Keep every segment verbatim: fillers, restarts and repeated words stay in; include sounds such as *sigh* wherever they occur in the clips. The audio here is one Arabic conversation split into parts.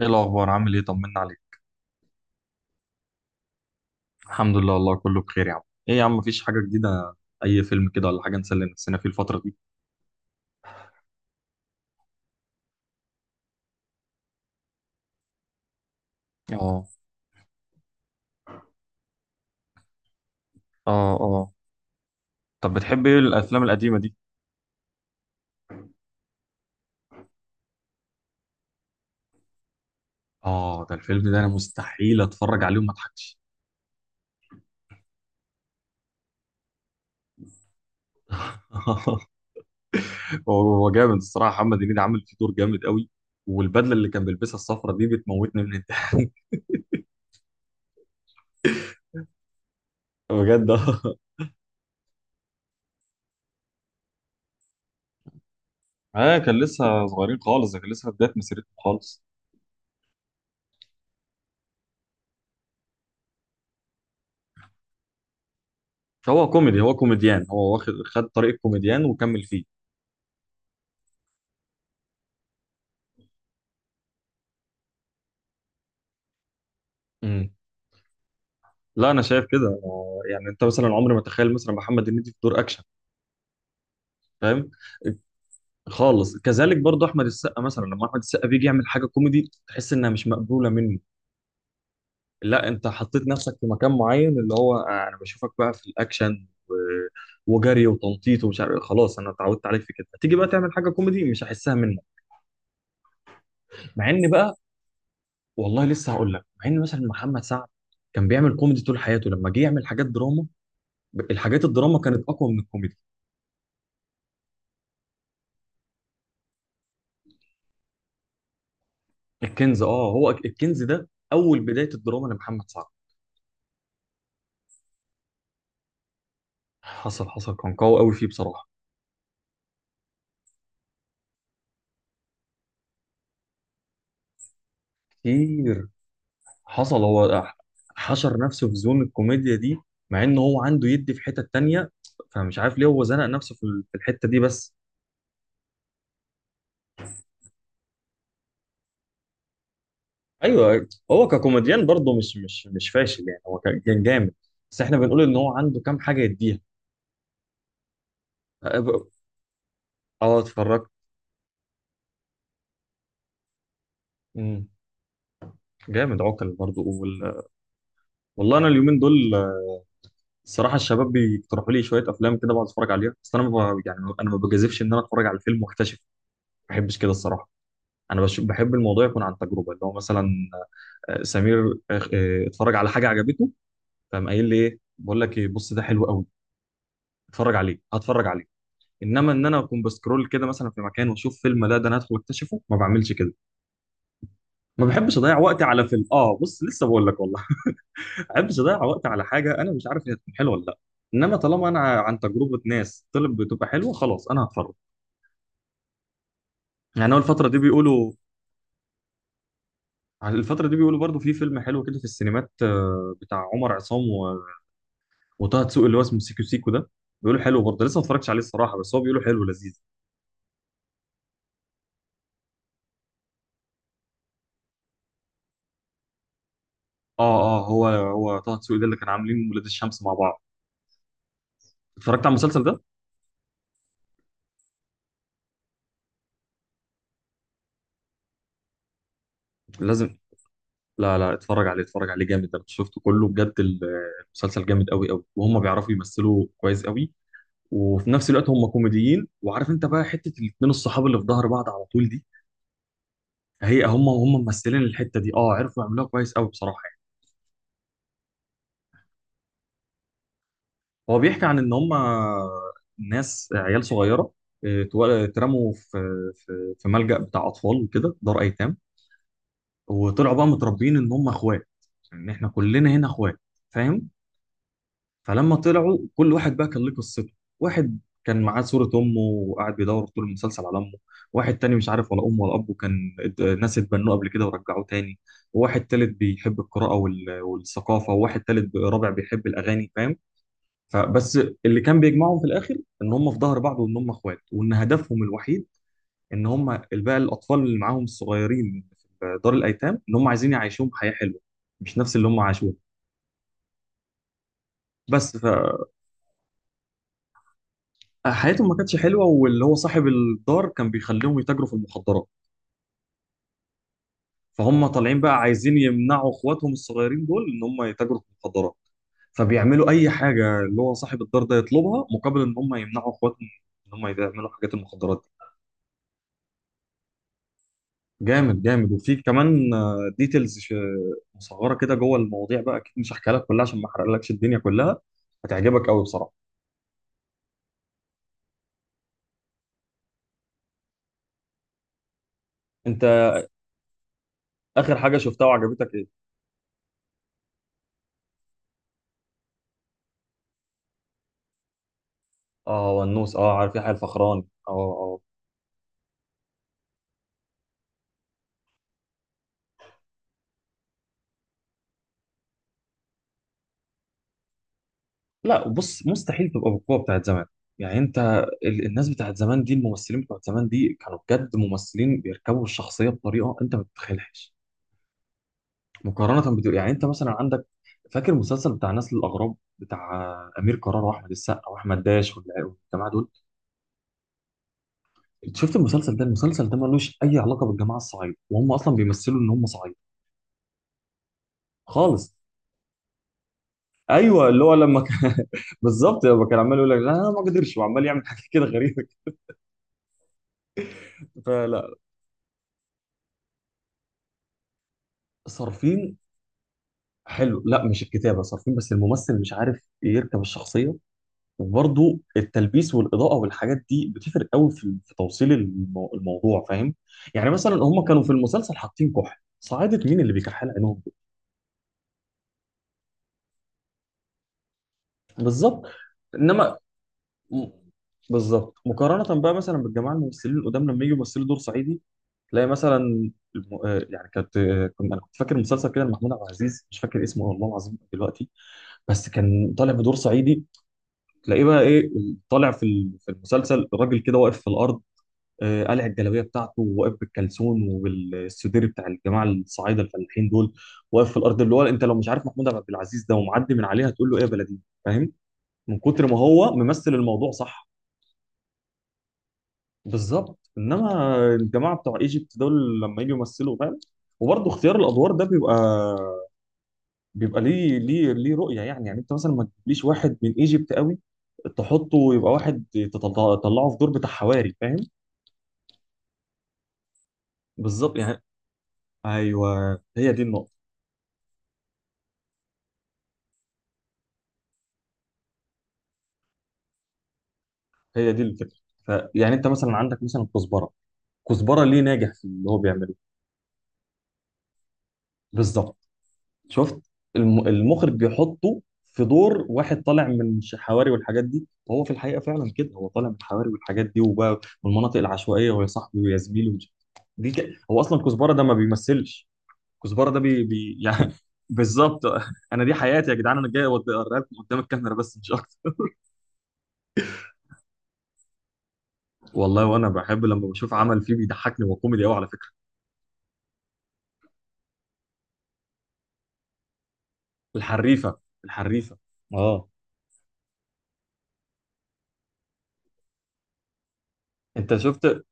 ايه الاخبار، عامل ايه؟ طمنا عليك. الحمد لله، والله كله بخير يا عم. ايه يا عم، مفيش حاجه جديده؟ اي فيلم كده ولا حاجه نسلي نفسنا فيه الفتره دي؟ اه، اه، اه. طب بتحب ايه الافلام القديمه دي؟ اه، ده الفيلم ده انا مستحيل اتفرج عليه وما اضحكش. *laughs* هو هو جامد الصراحه، محمد هنيدي عامل فيه دور جامد قوي. والبدله اللي كان بيلبسها الصفرة دي بتموتني من الضحك. *laughs* بجد، اه. آه، كان لسه صغيرين خالص، ده كان لسه في بدايه مسيرته خالص. هو كوميدي، هو كوميديان، هو واخد خد طريق الكوميديان وكمل فيه. لا، انا شايف كده، أنا- يعني انت مثلا عمري ما تخيل مثلا محمد هنيدي في دور اكشن. فاهم؟ خالص، كذلك برضه احمد السقا، مثلا لما احمد السقا بيجي يعمل حاجه كوميدي تحس انها مش مقبوله منه. لا، انت حطيت نفسك في مكان معين اللي هو آه، انا بشوفك بقى في الاكشن و- وجري وتنطيط ومش عارف إيه. خلاص، انا اتعودت عليك في كده، تيجي بقى تعمل حاجه كوميدي مش هحسها منك. مع ان بقى، والله لسه هقول لك. مع ان مثلا محمد سعد كان بيعمل كوميدي طول حياته، لما جه يعمل حاجات دراما، الحاجات الدراما كانت اقوى من الكوميدي. الكنز، اه. هو الكنز ده اول بدايه الدراما لمحمد سعد. حصل حصل، كان قوي قوي فيه بصراحه. كتير. حصل هو حشر نفسه في زون الكوميديا دي، مع ان هو عنده يدي في حته تانية، فمش عارف ليه هو زنق نفسه في ال- في الحته دي بس. ايوه، هو ككوميديان برضه مش مش مش فاشل، يعني هو كان كان جامد. بس احنا بنقول ان هو عنده كام حاجه يديها. اه، اتفرجت. مم. جامد عقل برضه وال... والله انا اليومين دول الصراحه، الشباب بيقترحوا لي شويه افلام كده بقعد اتفرج عليها، بس انا ما ب- يعني انا ما بجازفش ان انا اتفرج على الفيلم واكتشف. ما بحبش كده الصراحه. انا بش... بحب الموضوع يكون عن تجربه، اللي هو مثلا آه، سمير آه، آه، اتفرج على حاجه عجبته، فقام قايل لي: ايه، بقول لك ايه، بص ده حلو قوي، اتفرج عليه، هتفرج عليه. انما ان انا اكون بسكرول كده مثلا في مكان واشوف فيلم، لا ده انا هدخل اكتشفه، ما بعملش كده. ما بحبش اضيع وقتي على فيلم. اه، بص لسه بقول لك والله. *laughs* ما بحبش اضيع وقتي على حاجه انا مش عارف هي هتكون حلوه ولا لا. انما طالما انا عن تجربه ناس طلب بتبقى حلوه، خلاص انا هتفرج. يعني هو الفترة دي بيقولوا. الفترة دي بيقولوا برضو في فيلم حلو كده في السينمات، آه، بتاع عمر عصام و- وطه دسوقي، اللي هو اسمه سيكو سيكو ده، بيقولوا حلو برضه. لسه ما اتفرجتش عليه الصراحة، بس هو بيقولوا حلو لذيذ. اه، اه، هو هو طه دسوقي ده اللي كان عاملين ولاد الشمس مع بعض. اتفرجت على المسلسل ده؟ لازم. لا، لا، اتفرج عليه، اتفرج عليه جامد، ده شفته كله بجد ال- المسلسل جامد قوي قوي، وهم بيعرفوا يمثلوا كويس قوي. وفي نفس الوقت هم كوميديين، وعارف انت بقى حتة الاتنين الصحاب اللي في ظهر بعض على طول دي، هي هم هم ممثلين الحته دي، اه عرفوا يعملوها كويس قوي بصراحه يعني. هو بيحكي عن ان هم ناس عيال صغيره، آه، تو- اترموا في في في ملجأ بتاع اطفال وكده، دار ايتام. وطلعوا بقى متربيين ان هم اخوات، ان احنا كلنا هنا اخوات. فاهم؟ فلما طلعوا كل واحد بقى كان ليه قصته. واحد كان معاه صورة أمه وقاعد بيدور طول المسلسل على أمه. واحد تاني مش عارف ولا أمه ولا أبوه، كان ات- ناس اتبنوه قبل كده ورجعوه تاني. وواحد تالت بيحب القراءة وال- والثقافة، وواحد تالت ب- رابع بيحب الأغاني، فاهم؟ فبس، اللي كان بيجمعهم في الآخر إن هم في ظهر بعض، وإن هم إخوات، وإن هدفهم الوحيد إن هم بقى الأطفال اللي معاهم الصغيرين في دار الأيتام، إن هم عايزين يعيشوهم حياة حلوة، مش نفس اللي هم عاشوه. بس حياتهم ما كانتش حلوه، واللي هو صاحب الدار كان بيخليهم يتاجروا في المخدرات. فهم طالعين بقى عايزين يمنعوا اخواتهم الصغيرين دول ان هم يتاجروا في المخدرات. فبيعملوا اي حاجه اللي هو صاحب الدار ده يطلبها، مقابل ان هم يمنعوا اخواتهم ان هم يعملوا حاجات المخدرات دي. جامد جامد، وفي كمان ديتيلز مصغره كده جوه المواضيع، بقى اكيد مش هحكيها لك كلها عشان ما احرقلكش الدنيا كلها. هتعجبك قوي بصراحه. انت، اخر حاجه شفتها وعجبتك ايه؟ اه، ونوس، اه، عارف، يحيى الفخراني، اه، اه. لا، بص، مستحيل تبقى بالقوه بتاعت زمان. يعني انت ال- الناس بتاعت زمان دي، الممثلين بتوع زمان دي كانوا بجد ممثلين بيركبوا الشخصيه بطريقه انت ما تتخيلهاش. مقارنه بدو... يعني انت مثلا عندك، فاكر المسلسل بتاع نسل الاغراب، بتاع امير كرارة واحمد السقا واحمد داش والع- والجماعه دول؟ انت شفت المسلسل ده؟ المسلسل ده ملوش اي علاقه بالجماعه الصعيد، وهم اصلا بيمثلوا ان هم صعيد. خالص. ايوه، اللي هو لما كان *laughs* بالظبط، لما كان عمال يقول لك لا أنا ما اقدرش، وعمال يعمل حاجه كده غريبه. فلا، صارفين. حلو. لا، مش الكتابه، صارفين، بس الممثل مش عارف يركب الشخصيه. وبرضه التلبيس والاضاءه والحاجات دي بتفرق قوي في في توصيل المو- الموضوع، فاهم؟ يعني مثلا هم كانوا في المسلسل حاطين كحل. صعيدة مين اللي بيكحل عينهم دول؟ بالظبط. انما م- بالظبط، مقارنه بقى مثلا بالجماعه الممثلين القدام لما يجوا يمثلوا دور صعيدي، تلاقي مثلا الم- آه، يعني كانت آه، كنت- انا كنت فاكر مسلسل كده لمحمود عبد العزيز، مش فاكر اسمه والله العظيم دلوقتي، بس كان طالع بدور صعيدي. تلاقيه بقى ايه؟ طالع في ال- في المسلسل، الراجل كده واقف في الارض، آه، قلع الجلابيه بتاعته، وواقف بالكلسون وبالسدير بتاع الجماعه الصعايده الفلاحين دول، واقف في الارض، اللي هو انت لو مش عارف محمود عبد العزيز ده ومعدي من عليها تقول له ايه يا بلدي. فاهم؟ من كتر ما هو ممثل، الموضوع صح. بالظبط، انما الجماعه بتوع ايجيبت دول لما يجوا يمثلوا، فاهم؟ وبرضه اختيار الادوار ده بيبقى بيبقى ليه ليه ليه رؤيه، يعني يعني انت مثلا ما تجيبليش واحد من ايجيبت قوي، تحطه يبقى واحد، تطلع- تطلعه في دور بتاع حواري، فاهم؟ بالظبط يعني. ايوه، هي دي النقطه، هي دي الفكره. ف... يعني انت مثلا عندك مثلا كزبره. كزبره ليه ناجح في اللي هو بيعمله؟ بالظبط. شفت، الم... المخرج بيحطه في دور واحد طالع من ش- حواري والحاجات دي، وهو في الحقيقه فعلا كده، هو طالع من حواري والحاجات دي وبقى، والمناطق العشوائيه، ويا صاحبي، ويا زميلي، ومش... دي ك... هو اصلا كزبره ده ما بيمثلش، كزبره ده بي... بي... يعني *laughs* بالظبط. انا دي حياتي يا جدعان، انا جاي اوريها لكم قدام الكاميرا بس، مش اكتر. والله وانا بحب لما بشوف عمل فيه بيضحكني وكوميدي قوي على فكره. الحريفه، الحريفه. اه. انت شفت،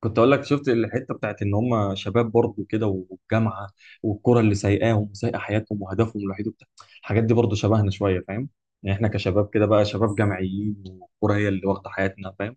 كنت اقول لك، شفت الحته بتاعت ان هم شباب برضه كده والجامعه والكره اللي سايقاهم وسايقه حياتهم وهدفهم الوحيد وبتاع، الحاجات دي برضه شبهنا شويه، فاهم؟ يعني احنا كشباب كده بقى، شباب جامعيين، والكره هي اللي واخده حياتنا، فاهم؟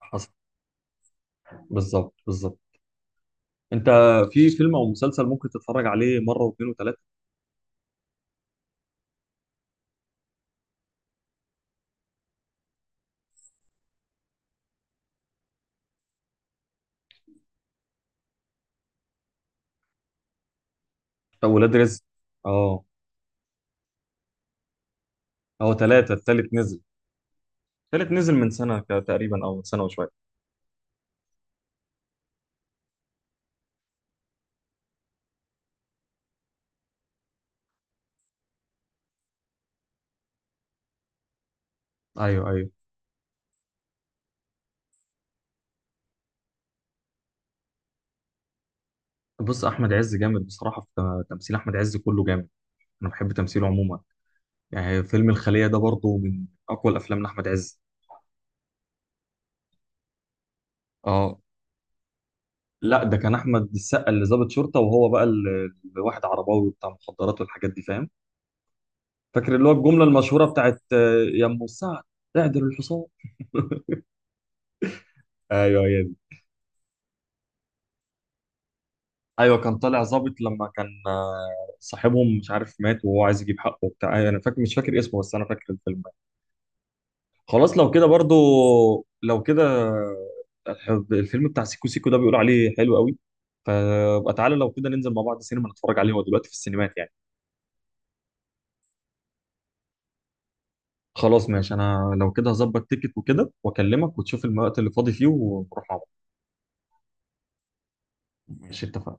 حصل، بالظبط بالظبط. انت في فيلم او مسلسل ممكن تتفرج عليه مره واثنين وثلاثه؟ طب، ولاد رزق. اه، هو ثلاثه، الثالث نزل. الثالث نزل من سنه تقريبا، او من سنه وشويه. ايوه، ايوه. بص، احمد عز جامد بصراحه، في تمثيل احمد عز كله جامد. انا بحب تمثيله عموما. يعني فيلم الخليه ده برضه من اقوى الافلام لاحمد عز. اه، لا، ده كان احمد السقا اللي ضابط شرطه، وهو بقى ال- الواحد عرباوي بتاع مخدرات والحاجات دي، فاهم؟ فاكر اللي هو الجمله المشهوره بتاعت آه، يا ام السعد، اعدل الحصان. *laughs* ايوه، هي دي. ايوه، كان طالع ظابط، لما كان آه، صاحبهم مش عارف مات وهو عايز يجيب حقه وبتاع. أيوة، انا فاكر، مش فاكر اسمه بس انا فاكر الفيلم. خلاص، لو كده برضو، لو كده، الح- الفيلم بتاع سيكو سيكو ده بيقول عليه حلو قوي. فبقى تعالى لو كده ننزل مع بعض سينما نتفرج عليه، هو دلوقتي في السينمات يعني. خلاص ماشي، انا لو كده هظبط تيكت وكده، واكلمك وتشوف الوقت اللي فاضي فيه ونروح مع بعض. ماشي، اتفقنا.